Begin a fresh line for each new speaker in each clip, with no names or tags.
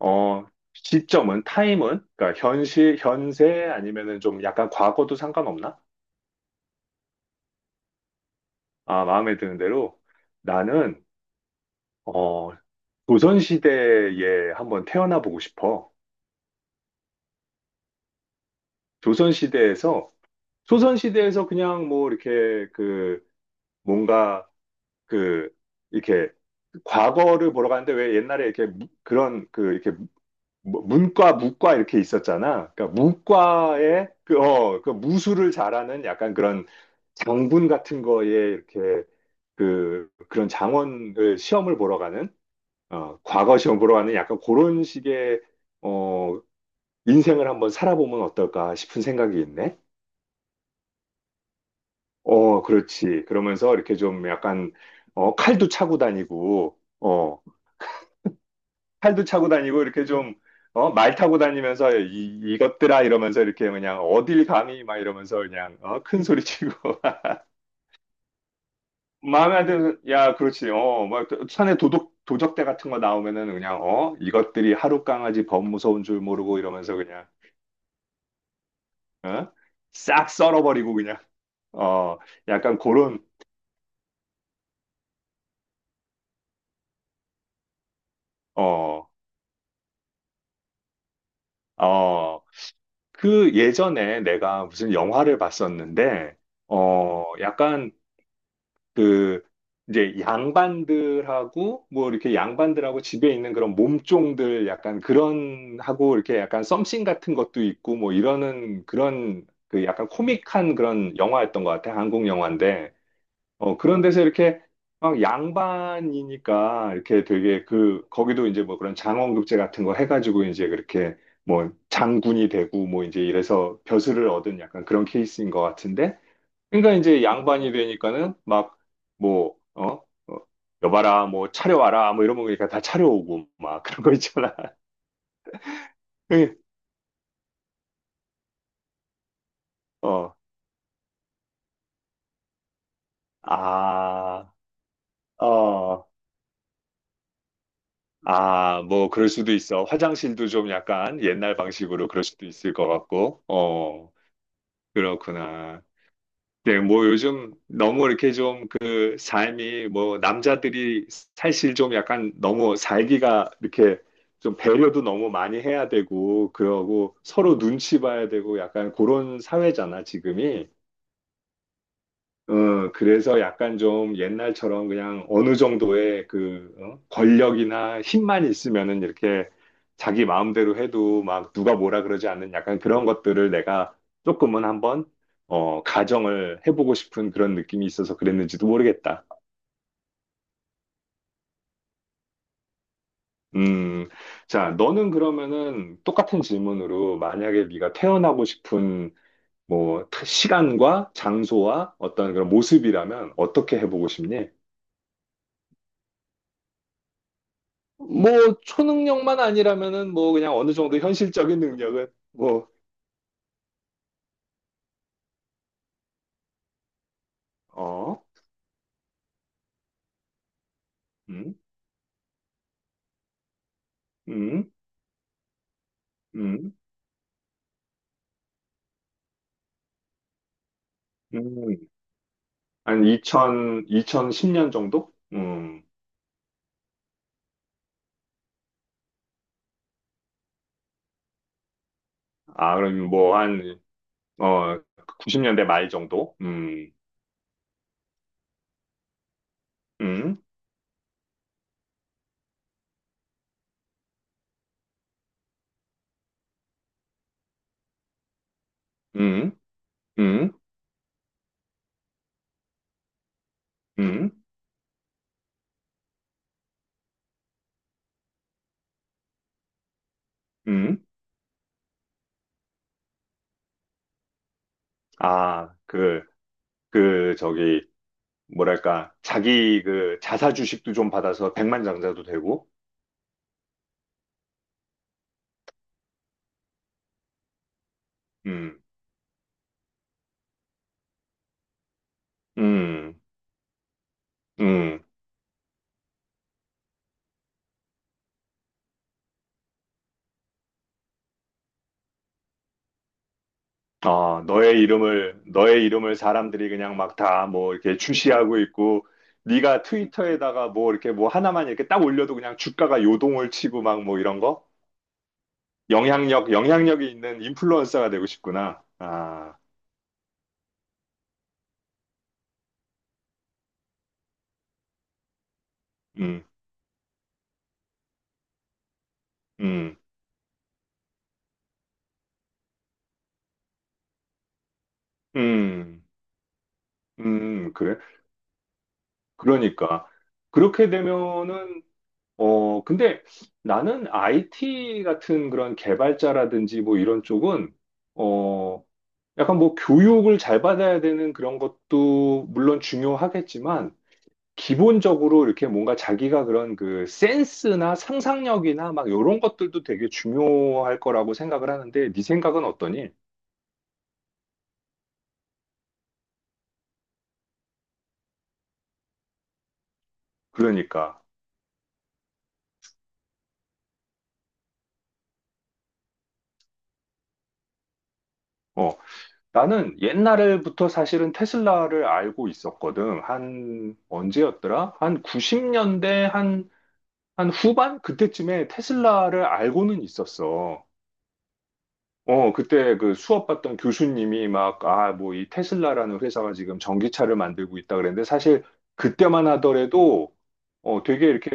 어, 시점은, 타임은, 그러니까 현실, 현세 아니면은 좀 약간 과거도 상관없나? 아, 마음에 드는 대로. 나는, 어, 조선시대에 한번 태어나 보고 싶어. 조선시대에서, 조선시대에서 그냥 뭐 이렇게 그 뭔가 그 이렇게 과거를 보러 가는데 왜 옛날에 이렇게 그런 그 이렇게 뭐 문과, 무과 이렇게 있었잖아. 그러니까 무과에 그 무술을 잘하는 약간 그런 장군 같은 거에 이렇게 그런 장원을 시험을 보러 가는, 과거 시험 보러 가는 약간 그런 식의, 어, 인생을 한번 살아보면 어떨까 싶은 생각이 있네. 어, 그렇지. 그러면서 이렇게 좀 약간, 칼도 차고 다니고, 팔도 차고 다니고 이렇게 좀, 말 타고 다니면서 이것들아 이러면서 이렇게 그냥 어딜 감히 막 이러면서 그냥, 큰 소리 치고. 마음에 안 드는, 야, 그렇지. 어, 막 산에 도둑, 도적대 같은 거 나오면은 그냥, 이것들이 하루 강아지 범 무서운 줄 모르고 이러면서 그냥, 어? 싹 썰어버리고 그냥. 어, 약간 그런, 어, 어, 그 예전에 내가 무슨 영화를 봤었는데, 약간 그 이제 양반들하고 뭐 이렇게 양반들하고 집에 있는 그런 몸종들 약간 그런 하고 이렇게 약간 썸씽 같은 것도 있고 뭐 이러는 그런 그 약간 코믹한 그런 영화였던 것 같아. 한국 영화인데. 그런 데서 이렇게 막 양반이니까 이렇게 되게 그 거기도 이제 뭐 그런 장원급제 같은 거 해가지고 이제 그렇게 뭐 장군이 되고 뭐 이제 이래서 벼슬을 얻은 약간 그런 케이스인 것 같은데, 그러니까 이제 양반이 되니까는 막 뭐, 어? 어, 여봐라, 뭐 차려와라, 뭐 이런 거 그러니까 다 차려오고 막 그런 거 있잖아. 어, 아, 어, 아, 뭐 그럴 수도 있어. 화장실도 좀 약간 옛날 방식으로 그럴 수도 있을 것 같고, 어, 그렇구나. 네, 뭐 요즘 너무 이렇게 좀 그 삶이 뭐 남자들이 사실 좀 약간 너무 살기가 이렇게 좀 배려도 너무 많이 해야 되고 그러고 서로 눈치 봐야 되고 약간 그런 사회잖아, 지금이. 어, 그래서 약간 좀 옛날처럼 그냥 어느 정도의 그 어? 권력이나 힘만 있으면은 이렇게 자기 마음대로 해도 막 누가 뭐라 그러지 않는 약간 그런 것들을 내가 조금은 한번, 가정을 해보고 싶은 그런 느낌이 있어서 그랬는지도 모르겠다. 음, 자, 너는 그러면은 똑같은 질문으로 만약에 네가 태어나고 싶은 뭐 시간과 장소와 어떤 그런 모습이라면 어떻게 해보고 싶니? 뭐 초능력만 아니라면은 뭐 그냥 어느 정도 현실적인 능력은 뭐 어? 음? 음? 음? 음? 한 2000, 2010년 정도? 음. 아, 그럼 뭐 한, 어, 90년대 말 정도? 음. 음? 음? 음? 음? 음? 아, 저기, 뭐랄까, 자기 그 자사 주식도 좀 받아서 백만장자도 되고, 음, 음, 음. 어, 너의 이름을 사람들이 그냥 막 다 뭐 이렇게 출시하고 있고, 네가 트위터에다가 뭐 이렇게 뭐 하나만 이렇게 딱 올려도 그냥 주가가 요동을 치고 막 뭐 이런 거? 영향력이 있는 인플루언서가 되고 싶구나. 아, 음, 음, 음, 그래. 그러니까 그렇게 되면은, 어, 근데 나는 IT 같은 그런 개발자라든지 뭐 이런 쪽은, 어, 약간 뭐 교육을 잘 받아야 되는 그런 것도 물론 중요하겠지만, 기본적으로 이렇게 뭔가 자기가 그런 그 센스나 상상력이나 막 이런 것들도 되게 중요할 거라고 생각을 하는데, 네 생각은 어떠니? 그러니까. 어, 나는 옛날부터 사실은 테슬라를 알고 있었거든. 한, 언제였더라? 한 90년대, 한 후반? 그때쯤에 테슬라를 알고는 있었어. 어, 그때 그 수업 받던 교수님이 막, 아, 뭐 이 테슬라라는 회사가 지금 전기차를 만들고 있다 그랬는데, 사실 그때만 하더라도, 되게 이렇게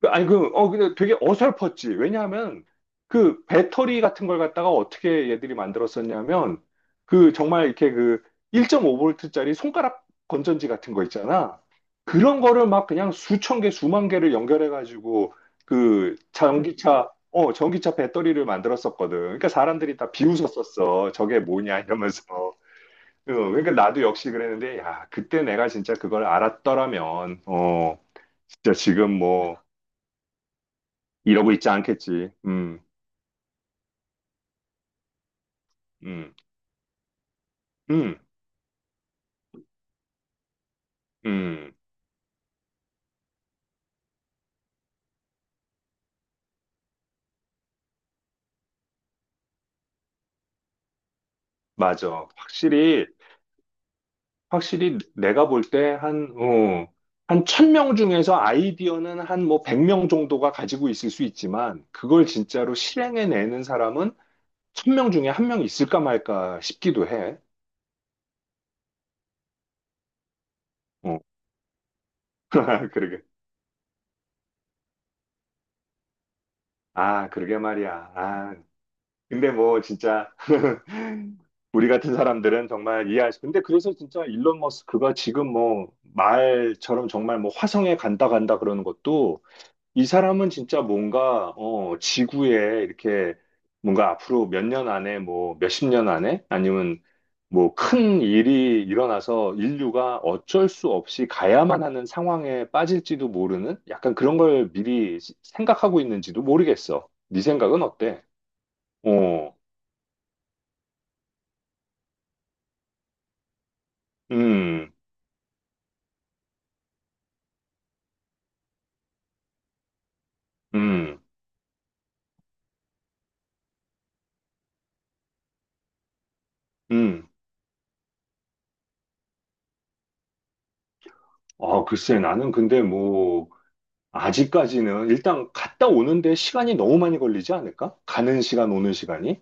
그- 아니, 그, 어, 근데 되게 어설펐지. 왜냐하면 그 배터리 같은 걸 갖다가 어떻게 얘들이 만들었었냐면 그 정말 이렇게 그 1.5V짜리 손가락 건전지 같은 거 있잖아. 그런 거를 막 그냥 수천 개, 수만 개를 연결해가지고 전기차 배터리를 만들었었거든. 그러니까 사람들이 다 비웃었었어. 저게 뭐냐 이러면서. 어, 그러니까 나도 역시 그랬는데, 야, 그때 내가 진짜 그걸 알았더라면, 진짜 지금 뭐, 이러고 있지 않겠지. 음, 음, 음, 맞아. 확실히 내가 볼 때 한, 한 천 명 중에서 아이디어는 한 뭐 백 명 정도가 가지고 있을 수 있지만, 그걸 진짜로 실행해내는 사람은 천 명 중에 한 명 있을까 말까 싶기도 해. 어. 그러게. 아, 그러게 말이야. 아, 근데 뭐 진짜. 우리 같은 사람들은 정말 이해할 수. 근데 그래서 진짜 일론 머스크가 지금 뭐 말처럼 정말 뭐 화성에 간다 간다 그러는 것도, 이 사람은 진짜 뭔가 어 지구에 이렇게 뭔가 앞으로 몇 년 안에 뭐 몇십 년 안에 아니면 뭐 큰 일이 일어나서 인류가 어쩔 수 없이 가야만 하는 상황에 빠질지도 모르는 약간 그런 걸 미리 생각하고 있는지도 모르겠어. 네 생각은 어때? 어. 음, 음, 음. 아, 글쎄, 나는 근데 뭐, 아직까지는 일단 갔다 오는데 시간이 너무 많이 걸리지 않을까? 가는 시간, 오는 시간이?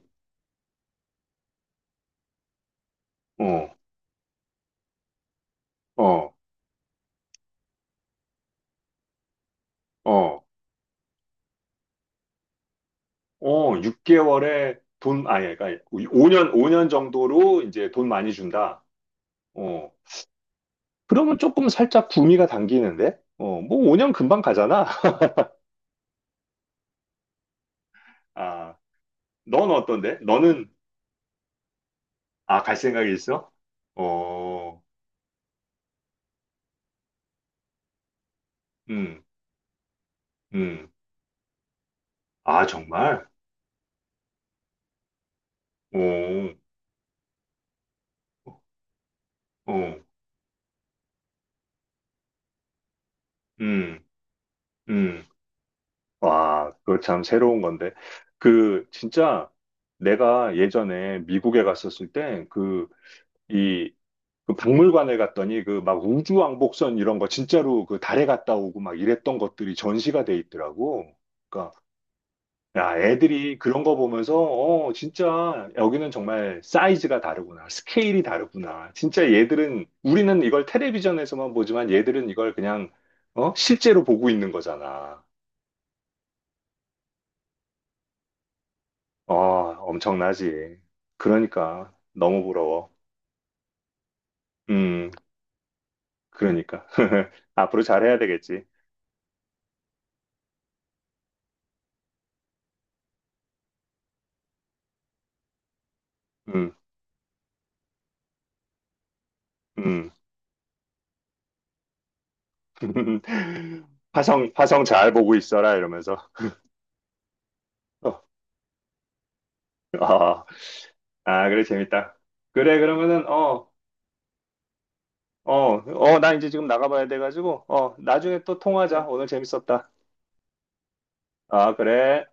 어, 어, 어, 어, 6개월에 돈, 아니, 그러니까 5년 정도로 이제 돈 많이 준다. 어, 그러면 조금 살짝 구미가 당기는데? 어, 뭐 5년 금방 가잖아. 아, 넌 어떤데? 너는, 아, 갈 생각이 있어? 어, 음, 음. 아, 정말? 오. 어, 음, 음. 와, 그거 참 새로운 건데. 그, 진짜 내가 예전에 미국에 갔었을 때 그, 이, 그 박물관에 갔더니 그 막 우주왕복선 이런 거 진짜로 그 달에 갔다 오고 막 이랬던 것들이 전시가 돼 있더라고. 그러니까, 야, 애들이 그런 거 보면서, 어, 진짜, 여기는 정말 사이즈가 다르구나. 스케일이 다르구나. 진짜 얘들은, 우리는 이걸 텔레비전에서만 보지만 얘들은 이걸 그냥, 어, 실제로 보고 있는 거잖아. 어, 엄청나지. 그러니까, 너무 부러워. 음, 그러니까. 앞으로 잘해야 되겠지. 음, 음. 화성, 화성 잘 보고 있어라, 이러면서. 어, 아, 아, 그래, 재밌다. 그래, 그러면은, 나 이제 지금 나가봐야 돼가지고, 나중에 또 통화하자. 오늘 재밌었다. 아, 그래.